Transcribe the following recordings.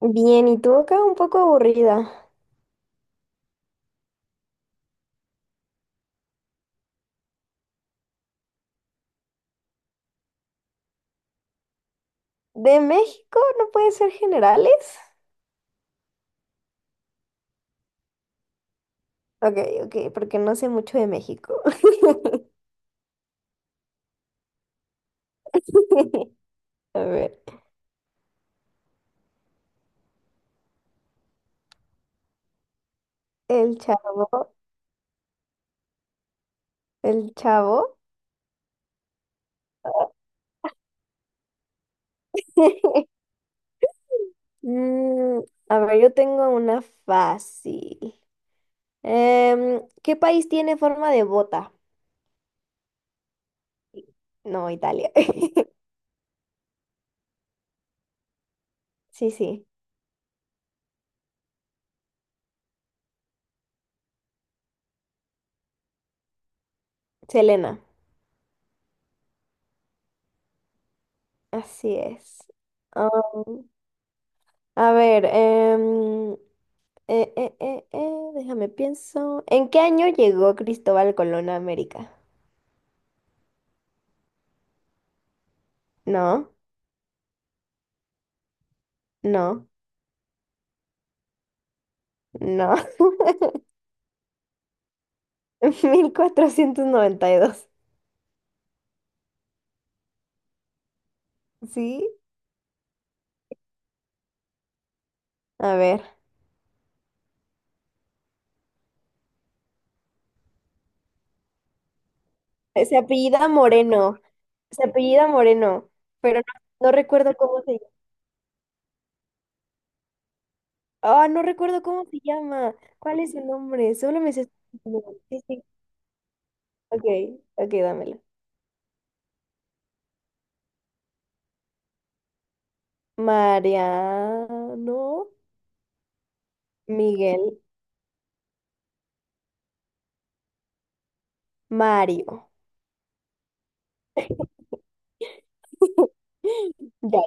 Bien, y tú acá un poco aburrida. ¿De México? ¿No puede ser generales? Ok, ok, porque no sé mucho de México. A ver, el chavo, el chavo. Mm, a ver, yo tengo una fácil. ¿Qué país tiene forma de bota? No, Italia. Sí, sí, Selena, así es. Um, a ver, déjame pienso. ¿En qué año llegó Cristóbal Colón a América? No, no, no. Mil cuatrocientos noventa y dos. ¿Sí? A ver. Se apellida Moreno. Se apellida Moreno. Pero no, no recuerdo cómo se llama. Ah, no recuerdo cómo se llama. ¿Cuál es el nombre? Solo me sé su apellido. Sí, sí. Ok, ok, dámela. Mariano, Miguel, Mario. Ya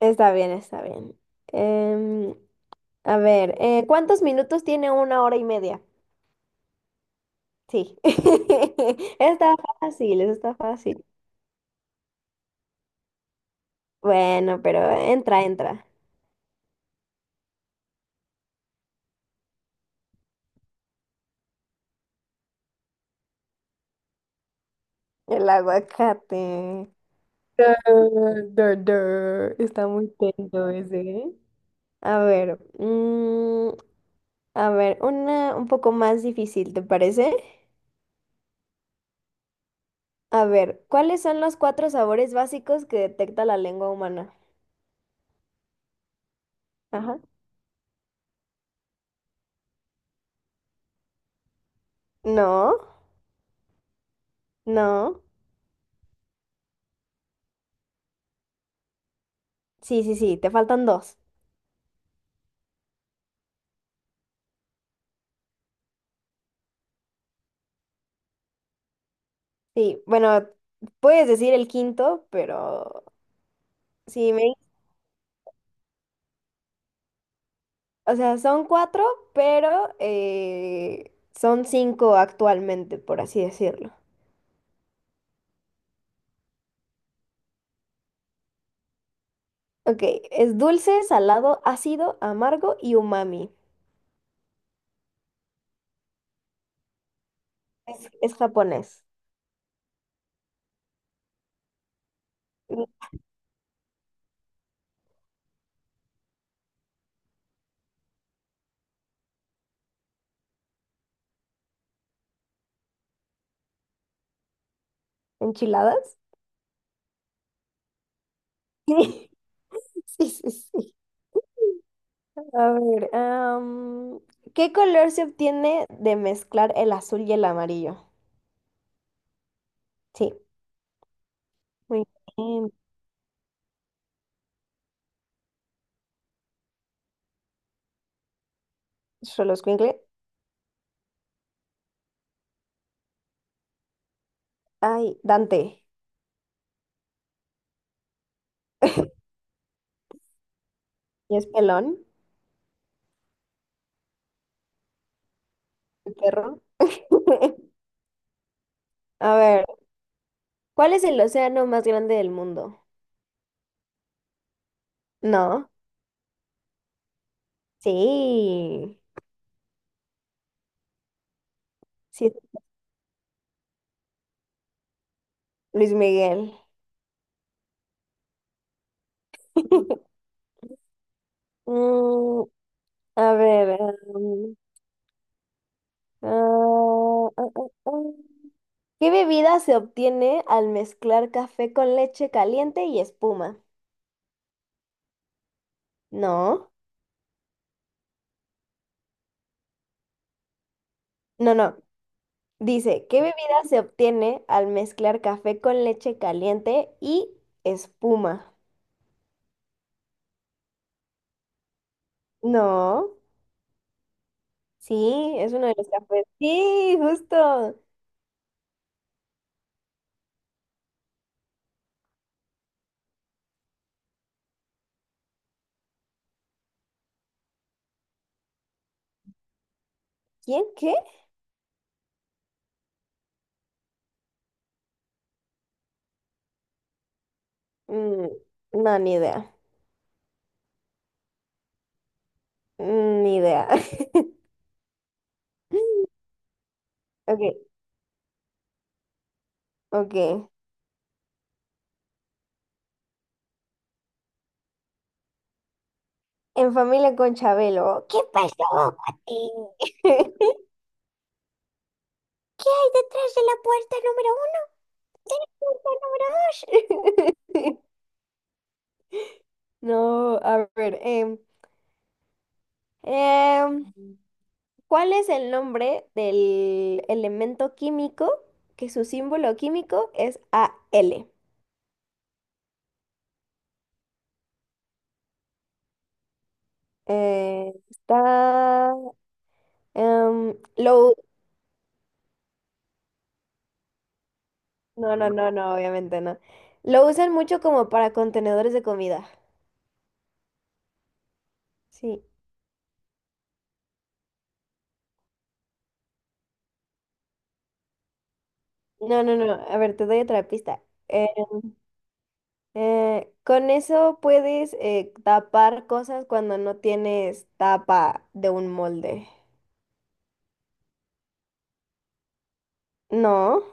está bien, está bien. Em, a ver, ¿cuántos minutos tiene una hora y media? Sí. Está fácil, está fácil. Bueno, pero entra, entra. El aguacate. Dur, dur. Está muy tento ese, ¿eh? A ver, a ver, una un poco más difícil, ¿te parece? A ver, ¿cuáles son los cuatro sabores básicos que detecta la lengua humana? Ajá. No, no. Sí, sí, sí, te faltan dos. Sí, bueno, puedes decir el quinto, pero sí, me... o sea, son cuatro, pero son cinco actualmente, por así decirlo. Ok, es dulce, salado, ácido, amargo y umami. Es japonés. ¿Enchiladas? Sí, sí, sí. A ver, ¿qué color se obtiene de mezclar el azul y el amarillo? Sí, muy bien. Solo escuincle. Ay, Dante. ¿Y es pelón? ¿El perro? A ver, ¿cuál es el océano más grande del mundo? No. Sí. Sí, Luis Miguel. Mm, a ver. Um, ah, ah, ah, ah. ¿Qué bebida se obtiene al mezclar café con leche caliente y espuma? No, no, no. Dice, ¿qué bebida se obtiene al mezclar café con leche caliente y espuma? No, sí, es uno de los cafés. Sí, justo. ¿Quién qué? Mm, no, ni idea. Mm, ni idea. Ok, ok. En familia con Chabelo. ¿Qué pasó, Mati? ¿Qué hay detrás de la puerta número uno, puerta número dos? No, a ver. Em, ¿Cuál es el nombre del elemento químico que su símbolo químico es AL? Está... em, lo, no, no, no, no, obviamente no. Lo usan mucho como para contenedores de comida. Sí. No, no, no. A ver, te doy otra pista. Eh, con eso puedes tapar cosas cuando no tienes tapa de un molde. No,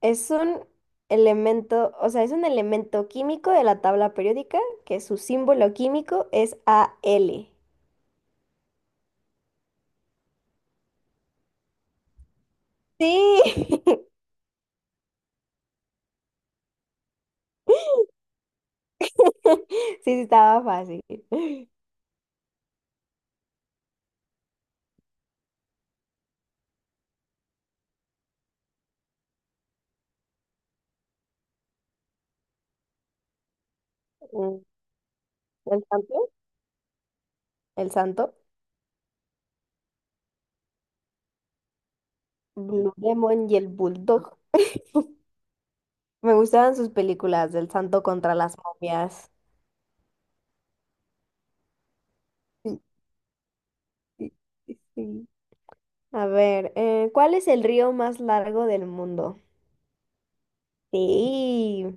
es un elemento, o sea, es un elemento químico de la tabla periódica que su símbolo químico es Al. Sí. Sí, sí, estaba fácil. Mm, el santo, el santo, Blue Demon y el Bulldog. Me gustaban sus películas del santo contra las momias. Sí, sí, sí, sí. A ver, ¿cuál es el río más largo del mundo? Sí.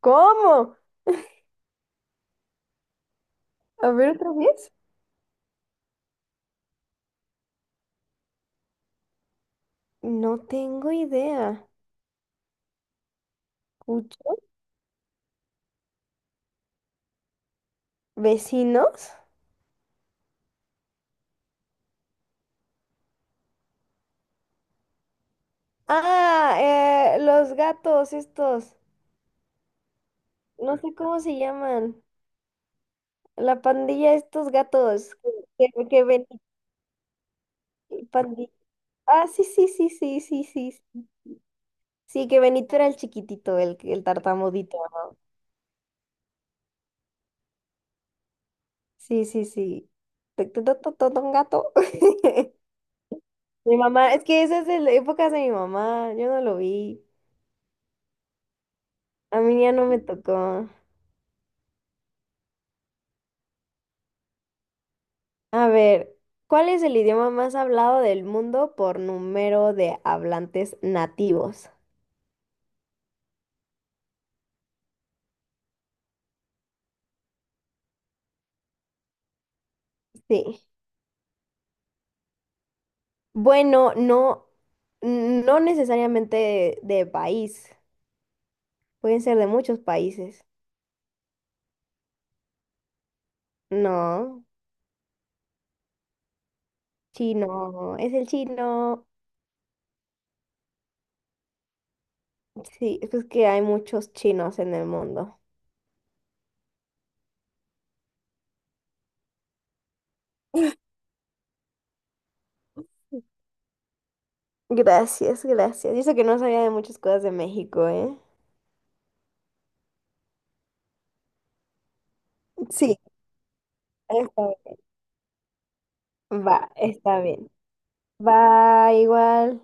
¿Cómo? A ver otra vez. No tengo idea. ¿Cucho? ¿Vecinos? Ah, los gatos estos. No sé cómo se llaman. La pandilla, estos gatos que Benito, pandilla. Ah, sí, sí, sí, sí, sí, sí. Sí, sí, que Benito era el chiquitito, el tartamudito. Sí, sí, sí. Un gato. Mi mamá, es que esa es de la época de mi mamá, yo no lo vi. A mí ya no me tocó. A ver, ¿cuál es el idioma más hablado del mundo por número de hablantes nativos? Sí. Bueno, no, no necesariamente de país, pueden ser de muchos países. No, chino, es el chino. Sí, es que hay muchos chinos en el mundo. Gracias, gracias. Y eso que no sabía de muchas cosas de México, ¿eh? Sí, está bien. Va, está bien. Va igual.